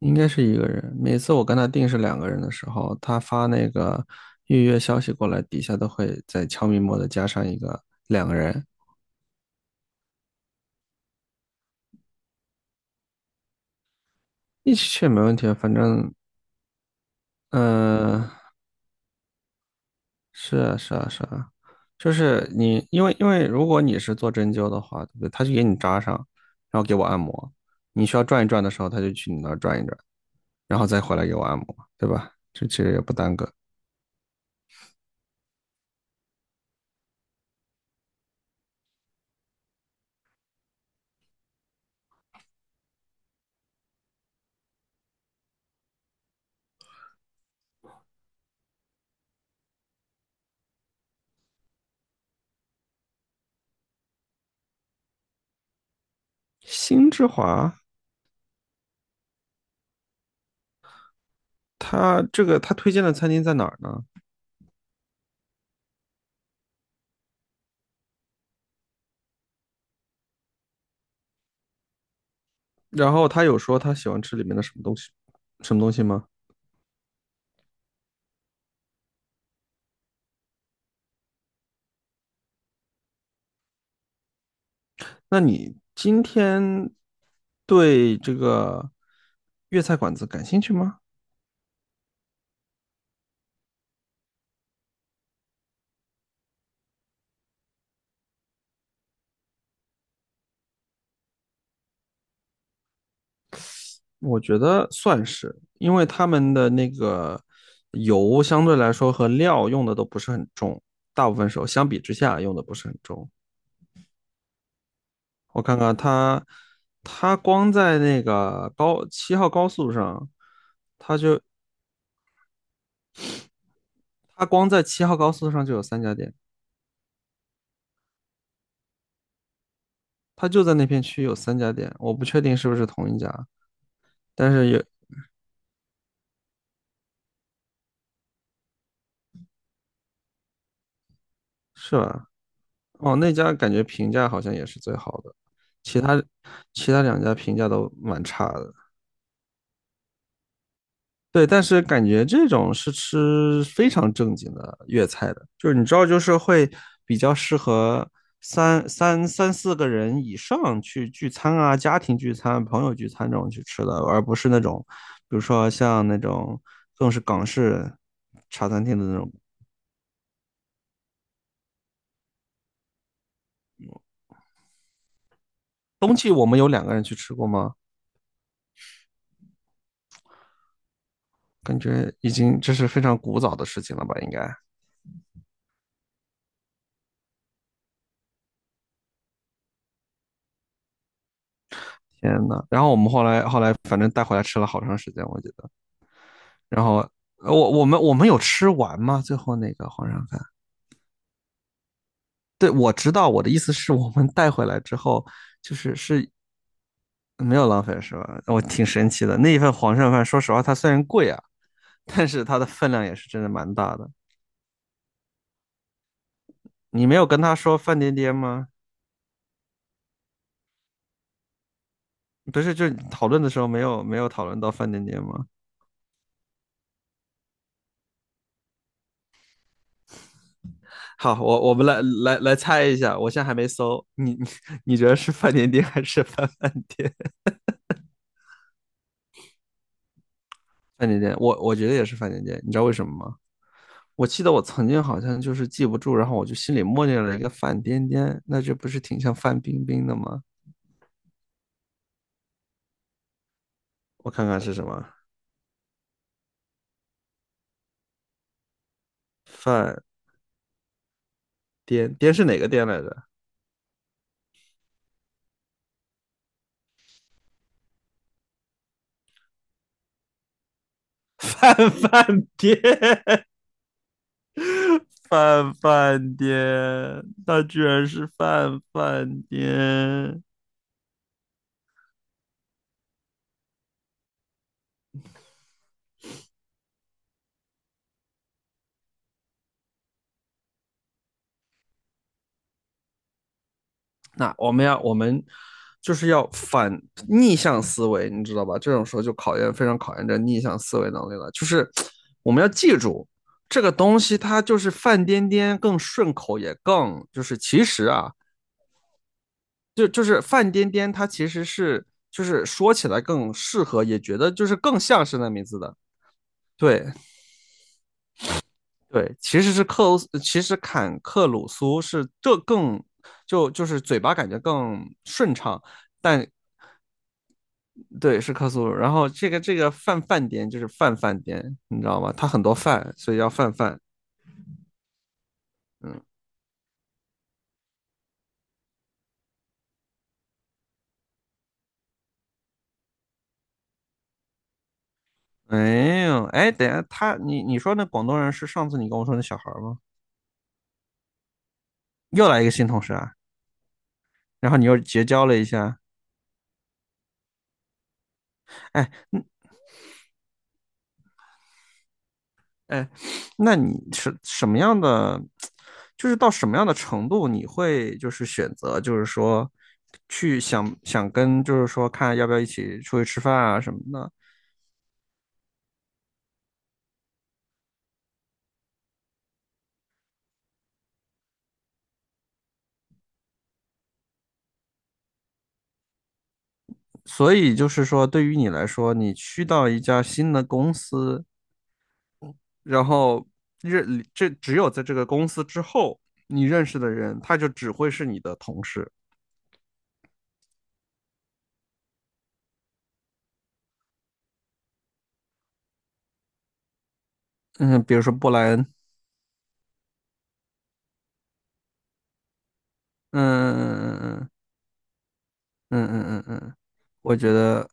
应该是一个人。每次我跟他定是两个人的时候，他发那个预约消息过来，底下都会在悄咪末的加上一个两个人，一起去没问题啊。反正，嗯、是啊，是啊，是啊，就是你，因为如果你是做针灸的话，对不对？他就给你扎上，然后给我按摩。你需要转一转的时候，他就去你那儿转一转，然后再回来给我按摩，对吧？这其实也不耽搁。星之华，他这个他推荐的餐厅在哪儿呢？然后他有说他喜欢吃里面的什么东西，什么东西吗？那你今天对这个粤菜馆子感兴趣吗？我觉得算是，因为他们的那个油相对来说和料用的都不是很重，大部分时候相比之下用的不是很重。我看看他，他光在那个高七号高速上，他光在七号高速上就有三家店，他就在那片区有三家店，我不确定是不是同一家。但是也是吧？哦，那家感觉评价好像也是最好的，其他其他两家评价都蛮差的。对，但是感觉这种是吃非常正经的粤菜的，就是你知道，就是会比较适合三四个人以上去聚餐啊，家庭聚餐、朋友聚餐这种去吃的，而不是那种，比如说像那种更是港式茶餐厅的那种。冬季我们有两个人去吃过吗？感觉已经这是非常古早的事情了吧？应该，天呐，然后我们后来反正带回来吃了好长时间，我记得。然后我们有吃完吗？最后那个黄鳝饭？对，我知道，我的意思是我们带回来之后，就是是没有浪费是吧？我挺神奇的，那一份黄鳝饭，说实话它虽然贵啊，但是它的分量也是真的蛮大的。你没有跟他说范颠颠吗？不是，就是讨论的时候没有讨论到范颠颠吗？好，我们来猜一下，我现在还没搜，你 你觉得是范店店还是范饭店？范店店，我觉得也是范店店，你知道为什么吗？我记得我曾经好像就是记不住，然后我就心里默念了一个范颠颠，那这不是挺像范冰冰的吗？我看看是什么，范颠颠是哪个颠来着？范范颠，范范颠，他居然是范范颠。那我们就是要逆向思维，你知道吧？这种时候就考验非常考验这逆向思维能力了。就是我们要记住这个东西，它就是范颠颠更顺口，也更就是其实啊，就是范颠颠，它其实是就是说起来更适合，也觉得就是更像是那名字的。对对，其实坎克鲁苏是这更就是嘴巴感觉更顺畅，但对，是克苏鲁。然后这个饭饭店就是饭饭店，你知道吗？它很多饭，所以叫饭饭。嗯，哎呦，哎，等一下你说那广东人是上次你跟我说那小孩儿吗？又来一个新同事啊，然后你又结交了一下。哎哎，那你是什么样的？就是到什么样的程度你会就是选择，就是说去想想跟，就是说看要不要一起出去吃饭啊什么的。所以就是说，对于你来说，你去到一家新的公司，然后只有在这个公司之后，你认识的人，他就只会是你的同事。嗯，比如说布莱恩，嗯嗯嗯嗯嗯嗯嗯，我觉得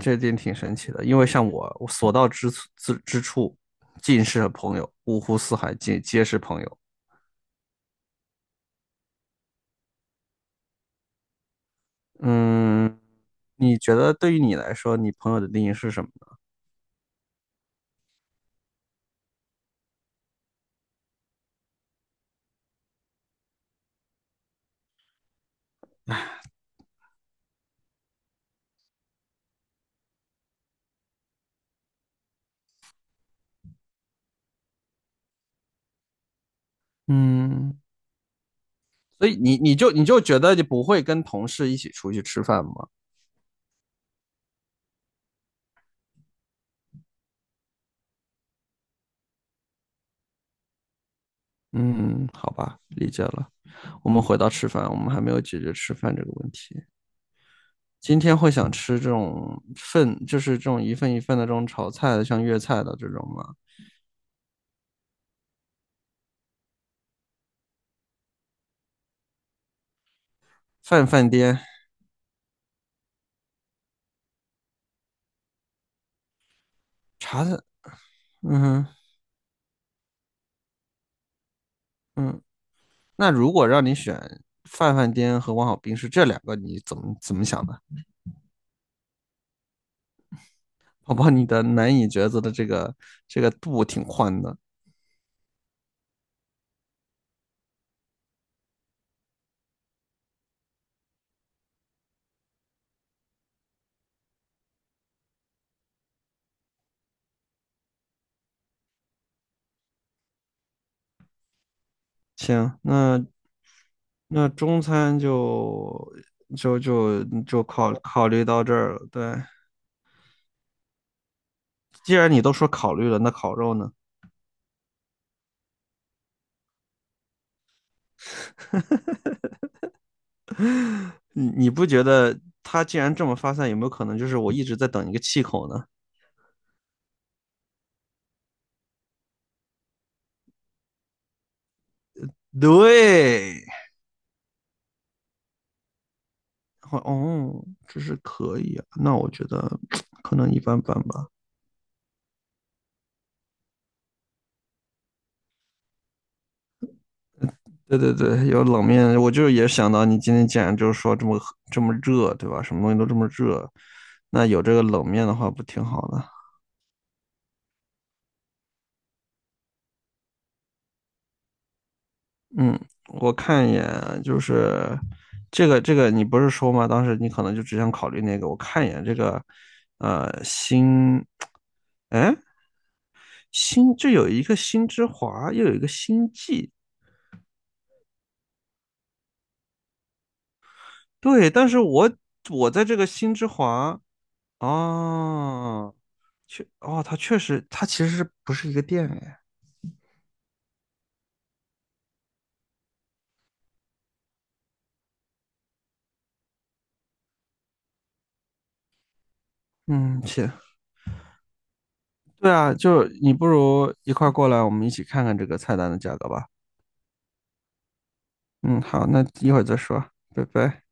这点挺神奇的，因为像我，我所到之处之之处，尽是朋友，五湖四海皆是朋友。嗯，你觉得对于你来说，你朋友的定义是什么呢？嗯。所以你就觉得你不会跟同事一起出去吃饭吗？嗯，好吧，理解了。我们回到吃饭，我们还没有解决吃饭这个问题。今天会想吃这种份，就是这种一份一份的这种炒菜的，像粤菜的这种吗？饭饭颠茶的，嗯哼。那如果让你选饭饭颠和王小兵是这两个，你怎么想的？宝宝，你的难以抉择的这个度挺宽的。行，那中餐就就考考虑到这儿了。对，既然你都说考虑了，那烤肉呢？你不觉得它既然这么发散，有没有可能就是我一直在等一个气口呢？对，哦，这是可以啊。那我觉得可能一般般吧。对对对，有冷面，我就也想到你今天既然就是说这么热，对吧？什么东西都这么热，那有这个冷面的话不挺好的？嗯，我看一眼啊，就是这个，你不是说吗？当时你可能就只想考虑那个。我看一眼这个，呃，新，哎，新，这有一个新之华，又有一个星际，对。但是我在这个新之华，哦，确，哦，它确实，它其实是不是一个店哎？嗯，行，对啊，就你不如一块儿过来，我们一起看看这个菜单的价格吧。嗯，好，那一会儿再说，拜拜。